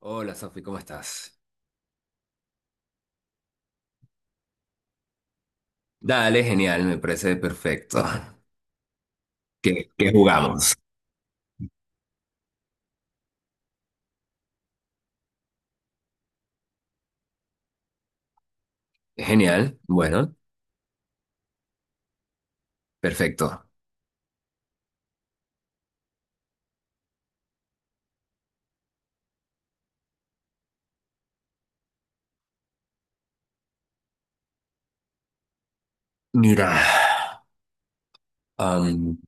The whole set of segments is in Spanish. Hola Sofi, ¿cómo estás? Dale, genial, me parece perfecto. ¿Qué, qué jugamos? Genial, bueno, perfecto. Mira, am,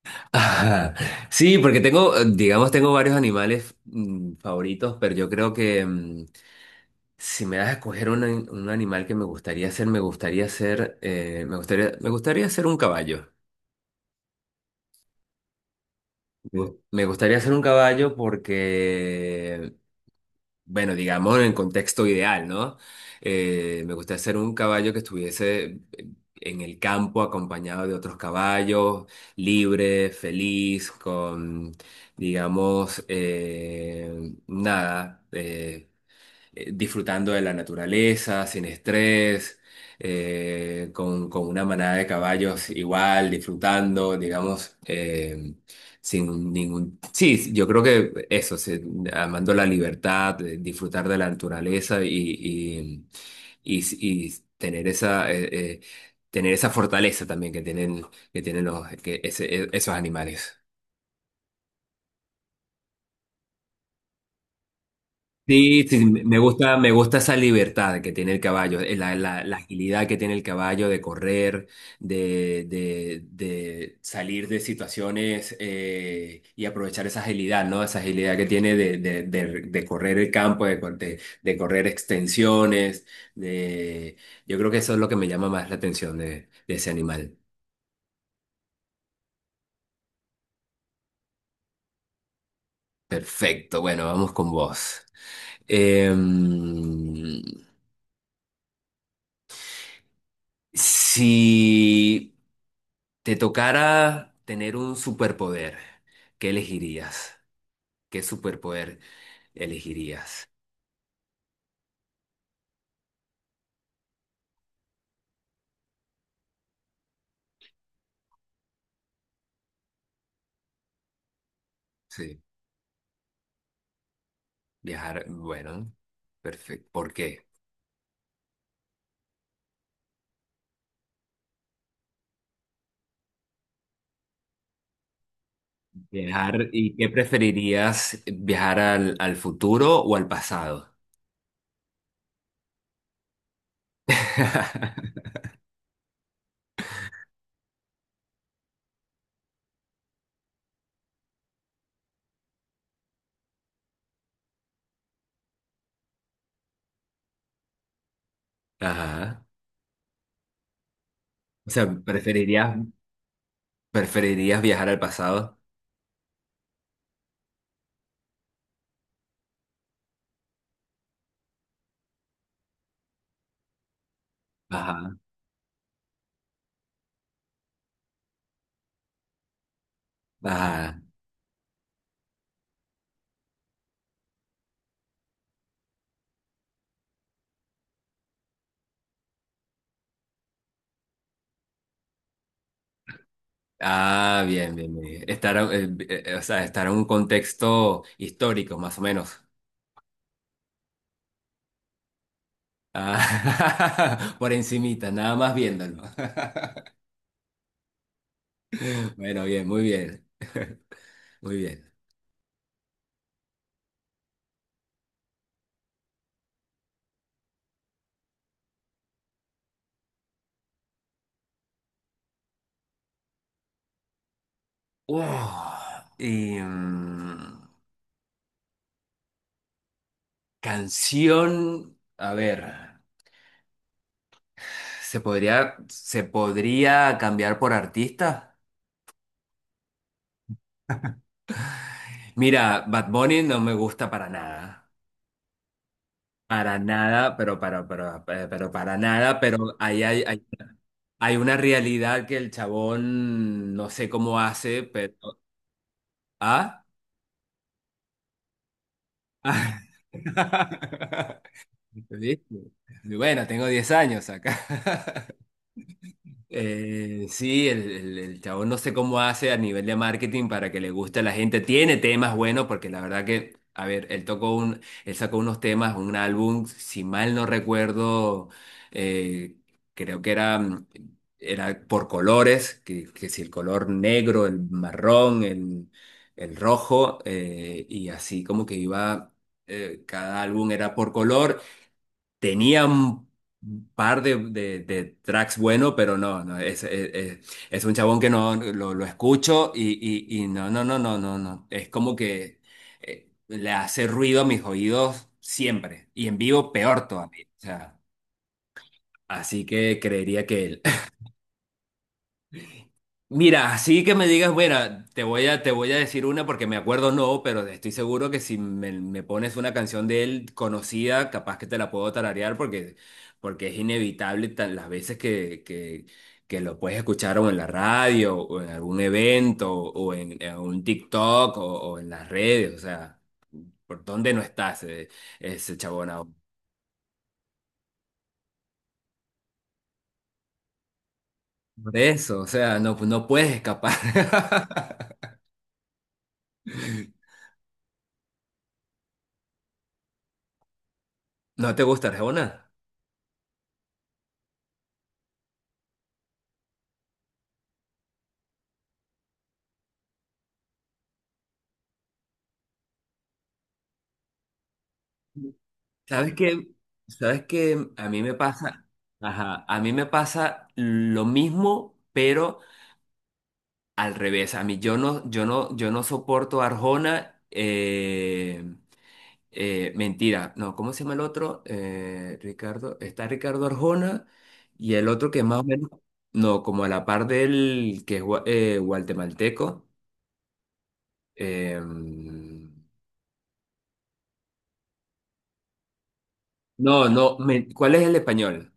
ajá. Sí, porque tengo, digamos, tengo varios animales favoritos, pero yo creo que si me das a escoger un animal que me gustaría ser, me gustaría ser, me gustaría ser un caballo. Me gustaría ser un caballo porque bueno, digamos en el contexto ideal, ¿no? Me gustaría ser un caballo que estuviese en el campo acompañado de otros caballos, libre, feliz, con, digamos, nada. Disfrutando de la naturaleza, sin estrés, con una manada de caballos igual, disfrutando, digamos, sin ningún... Sí, yo creo que eso, sí, amando la libertad, disfrutar de la naturaleza y tener esa fortaleza también que tienen, que tienen que esos animales. Sí, sí, me gusta esa libertad que tiene el caballo, la agilidad que tiene el caballo de correr, de salir de situaciones y aprovechar esa agilidad, ¿no? Esa agilidad que tiene de correr el campo, de correr extensiones. De... Yo creo que eso es lo que me llama más la atención de ese animal. Perfecto, bueno, vamos con vos. Em, si te tocara tener un superpoder. ¿Qué elegirías? ¿Qué superpoder elegirías? Sí. Viajar, bueno, perfecto. ¿Por qué? Viajar, ¿y qué preferirías? ¿Viajar al, al futuro o al pasado? Ajá. O sea, ¿preferirías, preferirías viajar al pasado? Ajá. Ajá. Ah, bien, bien, bien. Estar, o sea, estar en un contexto histórico, más o menos. Ah, por encimita, nada más viéndolo. Bueno, bien, muy bien. Muy bien. Uf, y, mm, canción, a ver, se podría cambiar por artista? Mira, Bad Bunny no me gusta para nada. Para nada, pero para, pero, pero para nada, pero ahí hay, hay una realidad que el chabón no sé cómo hace, pero... ¿Ah? ¿Viste? Y bueno, tengo 10 años acá. Sí, el chabón no sé cómo hace a nivel de marketing para que le guste a la gente. Tiene temas buenos, porque la verdad que, a ver, él sacó unos temas, un álbum, si mal no recuerdo, eh, creo que era, era por colores, que si el color negro, el marrón, el rojo, y así como que iba, cada álbum era por color. Tenía un par de tracks buenos, pero no, es un chabón que no lo escucho y, y no, no, no, no, no, no. Es como que le hace ruido a mis oídos siempre y en vivo peor todavía. O sea, así que creería que él. Mira, así que me digas, bueno, te voy a decir una porque me acuerdo no, pero estoy seguro que si me, me pones una canción de él conocida, capaz que te la puedo tararear porque, porque es inevitable las veces que lo puedes escuchar o en la radio o en algún evento o en un TikTok o en las redes, o sea, ¿por dónde no está ese, ese chabón aún? Por eso, o sea, no, no puedes escapar. ¿No te gusta Arjona? ¿Sabes qué? ¿Sabes qué? A mí me pasa, ajá, a mí me pasa lo mismo, pero al revés. A mí yo no soporto Arjona. Mentira, no, ¿cómo se llama el otro? Ricardo, está Ricardo Arjona y el otro que más o menos, no, como a la par del que es guatemalteco. eh, no, no, ¿cuál es el español?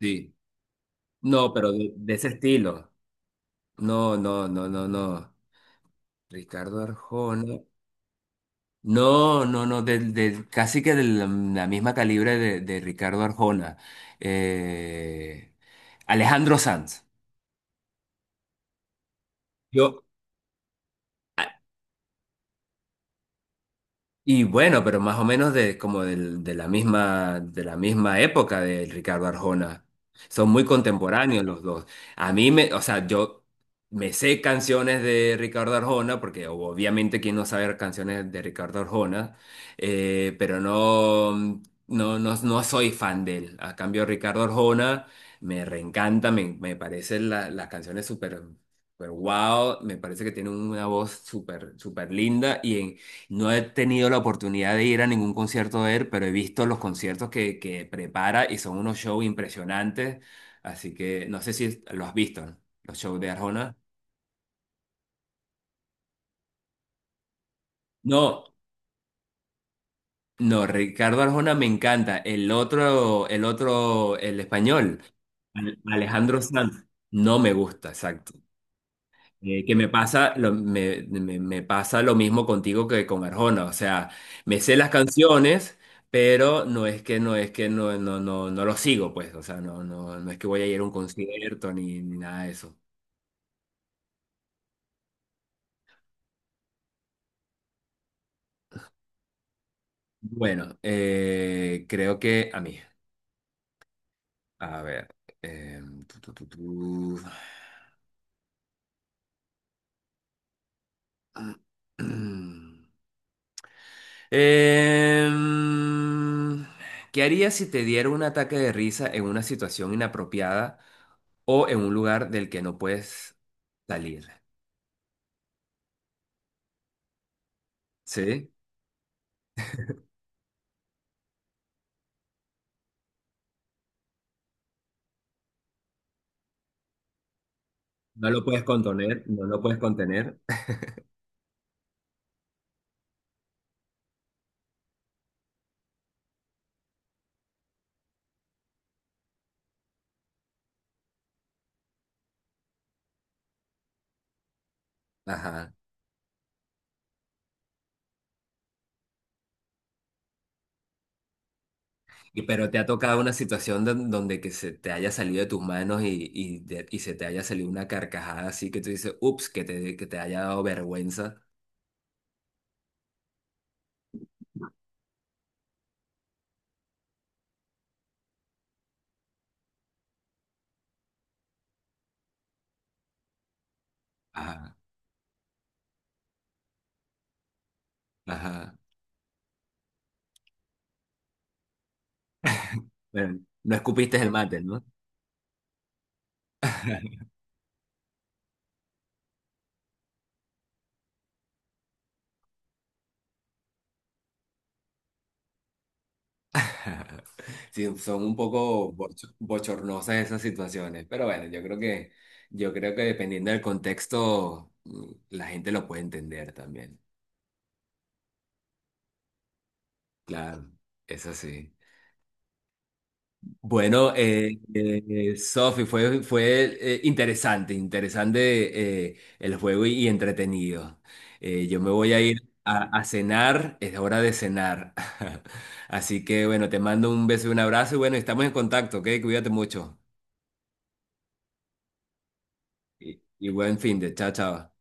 Sí, no, pero de ese estilo. No, no, no, no, no. Ricardo Arjona. No, no, no, casi que de la, la misma calibre de Ricardo Arjona. Eh, Alejandro Sanz. Yo. Y bueno, pero más o menos de, como de la misma época de Ricardo Arjona. Son muy contemporáneos los dos. A mí me, o sea, yo me sé canciones de Ricardo Arjona, porque obviamente quién no sabe canciones de Ricardo Arjona, pero no, no, no, no soy fan de él. A cambio, Ricardo Arjona me reencanta, me parecen las canciones súper... súper wow, me parece que tiene una voz súper, súper linda y no he tenido la oportunidad de ir a ningún concierto de él, pero he visto los conciertos que prepara y son unos shows impresionantes. Así que no sé si lo has visto, ¿no? Los shows de Arjona. No, no, Ricardo Arjona me encanta. El otro, el otro, el español, Alejandro Sanz, no me gusta, exacto. Que me pasa, lo, me- Me pasa lo mismo contigo que con Arjona. O sea, me sé las canciones, pero no es que no es que no, no, no, no lo sigo, pues. O sea, no, no, no es que voy a ir a un concierto ni, ni nada de eso. Bueno, creo que a mí. A ver. Eh, tu, tu, tu, tu. Em, ¿Qué harías si te diera un ataque de risa en una situación inapropiada o en un lugar del que no puedes salir? ¿Sí? No lo puedes contener, no lo puedes contener. Ajá. Y, pero te ha tocado una situación donde que se te haya salido de tus manos y se te haya salido una carcajada así que tú dices, ups, que te haya dado vergüenza. Ajá, ajá. Bueno, no escupiste el mate, ¿no? Sí, son un poco bochornosas esas situaciones, pero bueno, yo creo que dependiendo del contexto, la gente lo puede entender también. Claro, es así. Bueno, Sofi, fue, fue interesante, interesante el juego y entretenido. Yo me voy a ir a cenar, es hora de cenar. Así que bueno, te mando un beso y un abrazo y bueno, estamos en contacto, ¿ok? Cuídate mucho. Y buen fin de, chao, chao.